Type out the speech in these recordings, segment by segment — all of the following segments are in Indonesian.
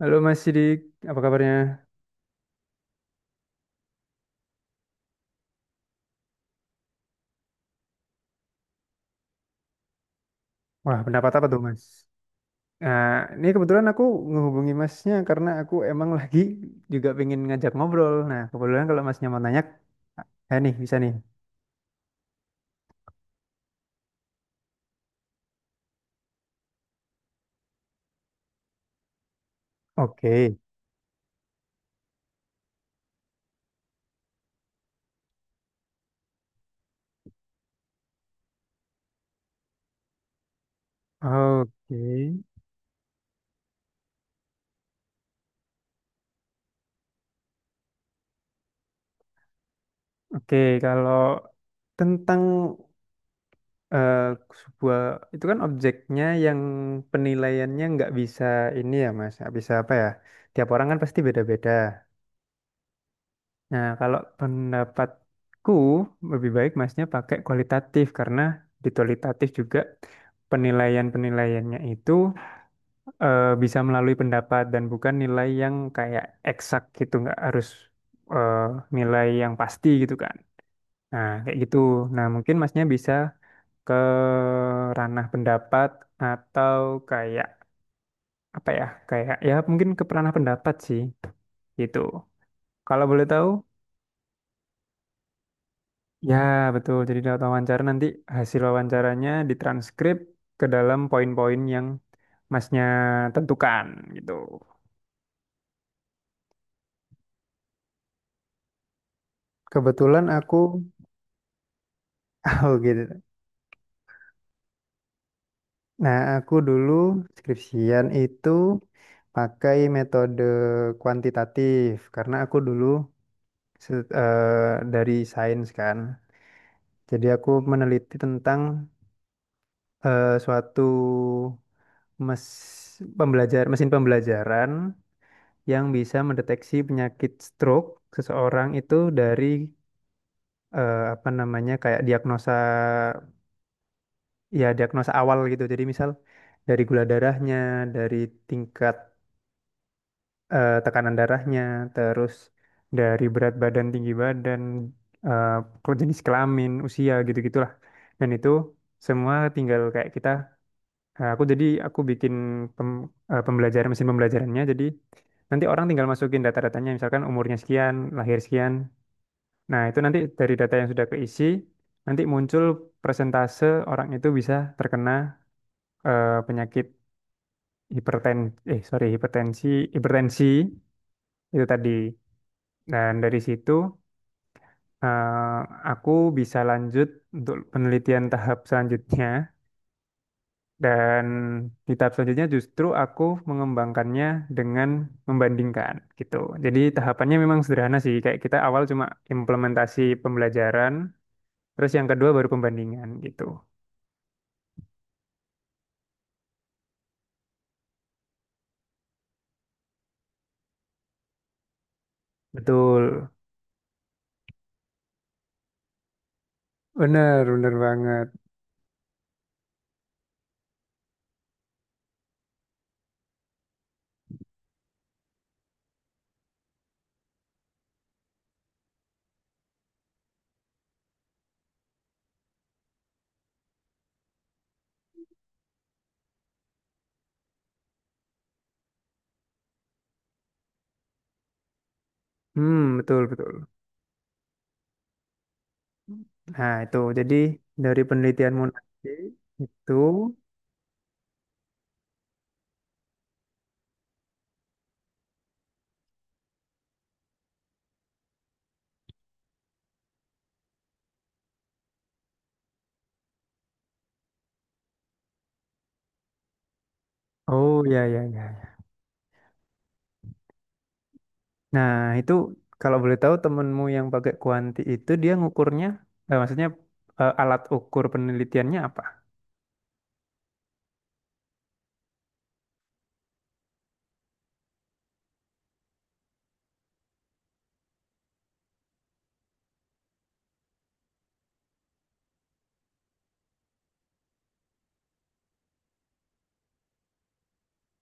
Halo Mas Sidik, apa kabarnya? Wah, pendapat apa tuh Mas? Nah, ini kebetulan aku menghubungi Masnya karena aku emang lagi juga pengen ngajak ngobrol. Nah, kebetulan kalau Masnya mau nanya, ya nih bisa nih. Oke, oke, oke, kalau tentang eh, sebuah itu kan objeknya yang penilaiannya nggak bisa ini ya Mas, nggak bisa apa ya? Tiap orang kan pasti beda-beda. Nah, kalau pendapatku lebih baik masnya pakai kualitatif karena di kualitatif juga penilaian-penilaiannya itu bisa melalui pendapat dan bukan nilai yang kayak eksak gitu, nggak harus eh, nilai yang pasti gitu kan. Nah, kayak gitu. Nah, mungkin masnya bisa ke ranah pendapat atau kayak apa ya, kayak ya mungkin ke ranah pendapat sih gitu. Kalau boleh tahu ya, betul. Jadi lewat wawancara nanti hasil wawancaranya ditranskrip ke dalam poin-poin yang masnya tentukan gitu. Kebetulan aku, oh gitu. Nah, aku dulu skripsian itu pakai metode kuantitatif karena aku dulu dari sains kan. Jadi aku meneliti tentang suatu mes pembelajar mesin pembelajaran yang bisa mendeteksi penyakit stroke seseorang itu dari apa namanya kayak diagnosa ya diagnosa awal gitu. Jadi misal dari gula darahnya, dari tingkat tekanan darahnya, terus dari berat badan, tinggi badan, eh, ke- jenis kelamin, usia gitu-gitulah. Dan itu semua tinggal kayak kita aku bikin pem- pembelajaran mesin pembelajarannya jadi nanti orang tinggal masukin data-datanya misalkan umurnya sekian, lahir sekian, nah, itu nanti dari data yang sudah keisi, nanti muncul persentase orang itu bisa terkena penyakit hiperten eh sorry hipertensi hipertensi itu tadi. Dan dari situ eh, aku bisa lanjut untuk penelitian tahap selanjutnya dan di tahap selanjutnya justru aku mengembangkannya dengan membandingkan gitu. Jadi tahapannya memang sederhana sih, kayak kita awal cuma implementasi pembelajaran, terus yang kedua baru pembandingan gitu. Betul, bener bener banget. Hmm, betul, betul. Nah, itu jadi dari penelitianmu nanti itu, oh ya, ya, ya, ya. Nah, itu kalau boleh tahu temenmu yang pakai kuanti itu dia ngukurnya, maksudnya alat ukur penelitiannya apa?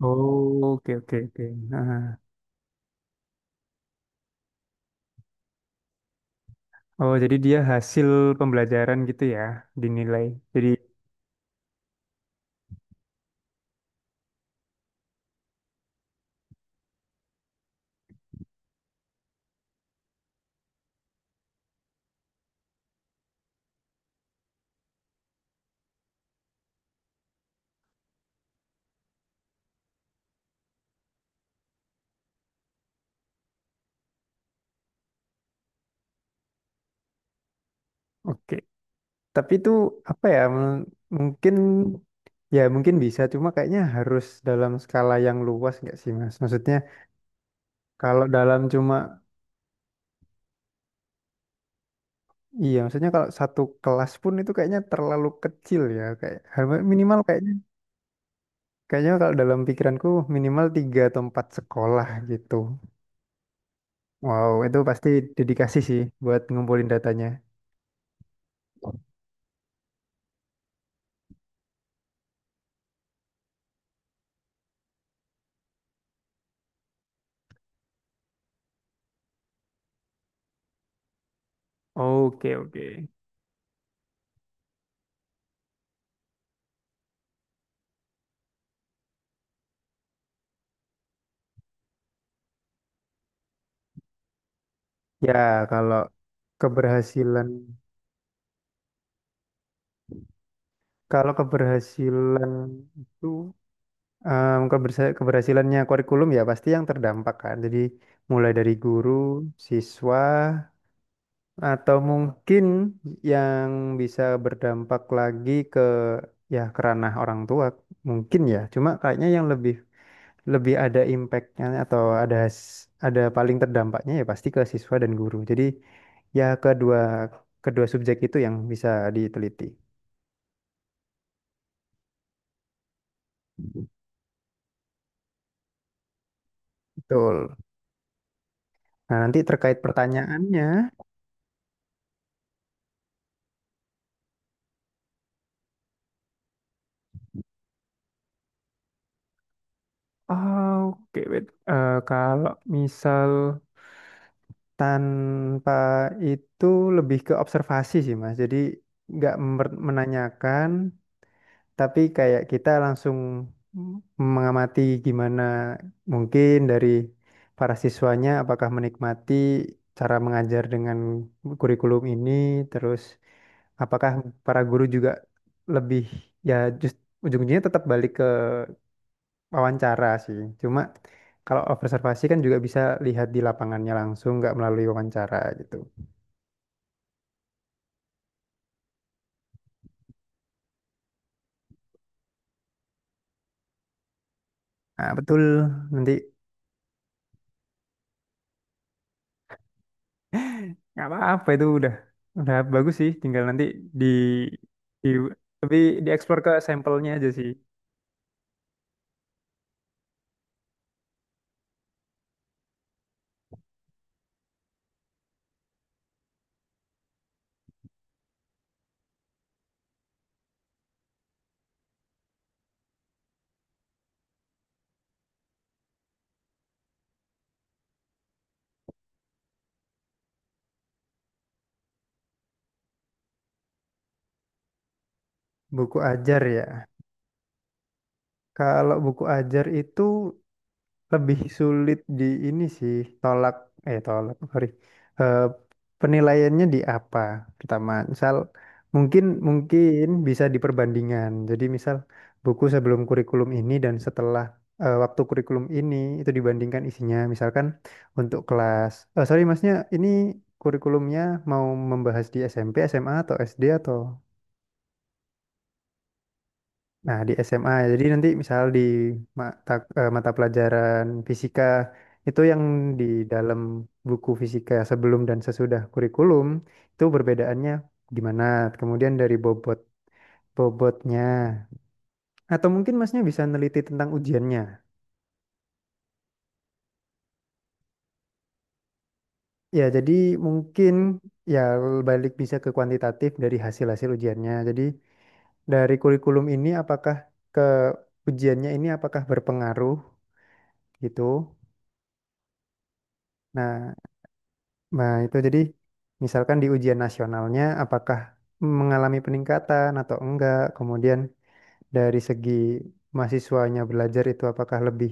Oh, oke, oke, oke. Nah, oh, jadi dia hasil pembelajaran gitu ya, dinilai. Jadi, oke. Tapi itu apa ya? Mungkin ya mungkin bisa cuma kayaknya harus dalam skala yang luas nggak sih Mas? Maksudnya kalau dalam cuma iya maksudnya kalau satu kelas pun itu kayaknya terlalu kecil ya kayak har- minimal kayaknya kayaknya kalau dalam pikiranku minimal tiga atau empat sekolah gitu. Wow, itu pasti dedikasi sih buat ngumpulin datanya. Oke, oke. Ya, kalau keberhasilan kalau keberhasilan itu keberhasilannya kurikulum ya pasti yang terdampak kan. Jadi mulai dari guru, siswa, atau mungkin yang bisa berdampak lagi ke ya ke ranah orang tua mungkin ya. Cuma kayaknya yang lebih lebih ada impactnya atau ada has- ada paling terdampaknya ya pasti ke siswa dan guru. Jadi ya kedua kedua subjek itu yang bisa diteliti. Betul. Nah, nanti terkait pertanyaannya ah, oke, wait. Eh, kalau misal tanpa itu lebih ke observasi sih, Mas. Jadi nggak mer- menanyakan, tapi kayak kita langsung mengamati gimana mungkin dari para siswanya apakah menikmati cara mengajar dengan kurikulum ini, terus apakah para guru juga lebih ya just ujung-ujungnya tetap balik wawancara sih. Cuma kalau observasi kan juga bisa lihat di lapangannya langsung, nggak melalui wawancara gitu. Nah, betul. Nanti nggak apa-apa itu udah bagus sih. Tinggal nanti di di tapi dieksplor ke sampelnya aja sih. Buku ajar ya. Kalau buku ajar itu lebih sulit di ini sih tolak eh tolak sorry Eh, penilaiannya di apa pertama misal mungkin mungkin bisa diperbandingan jadi misal buku sebelum kurikulum ini dan setelah waktu kurikulum ini itu dibandingkan isinya misalkan untuk kelas eh sorry masnya ini kurikulumnya mau membahas di SMP SMA atau SD atau nah, di SMA. Jadi nanti misal di mata mata pelajaran fisika itu yang di dalam buku fisika sebelum dan sesudah kurikulum itu perbedaannya gimana? Kemudian dari bobotnya atau mungkin Masnya bisa neliti tentang ujiannya. Ya, jadi mungkin ya balik bisa ke kuantitatif dari hasil-hasil ujiannya. Jadi dari kurikulum ini apakah ke ujiannya ini apakah berpengaruh gitu? Nah, nah, itu jadi misalkan di ujian nasionalnya apakah mengalami peningkatan atau enggak, kemudian dari segi mahasiswanya belajar itu apakah lebih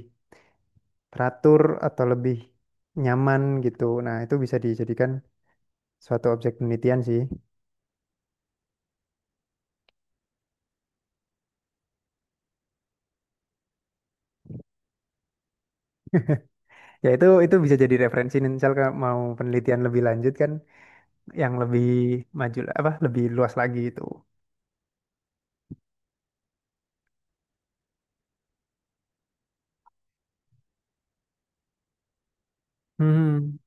teratur atau lebih nyaman gitu. Nah, itu bisa dijadikan suatu objek penelitian sih. Ya itu bisa jadi referensi nih, misal kalau mau penelitian lebih lanjut kan yang lebih maju apa lebih luas lagi itu. Hmm.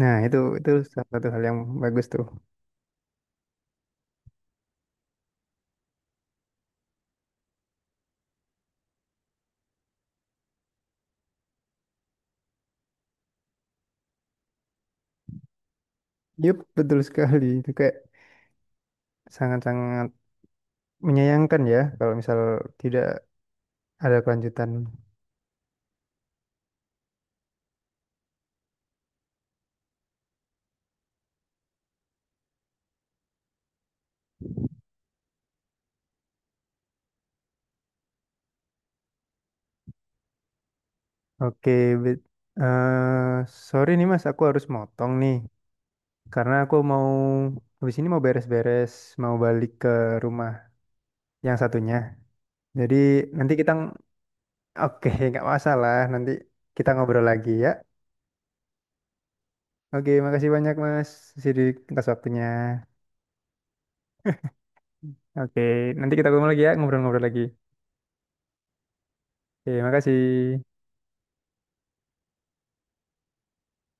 Nah, itu salah satu hal yang bagus tuh. Yup, betul sekali. Itu kayak sangat-sangat menyayangkan ya kalau misal tidak ada kelanjutan. Oke, bet- eh, sorry nih Mas, aku harus motong nih karena aku mau habis ini mau beres-beres, mau balik ke rumah yang satunya. Jadi nanti oke, nggak masalah. Nanti kita ngobrol lagi ya. Oke, makasih banyak Mas Sidik atas waktunya. Oke, nanti kita ketemu lagi ya, ngobrol-ngobrol lagi. Oke, makasih.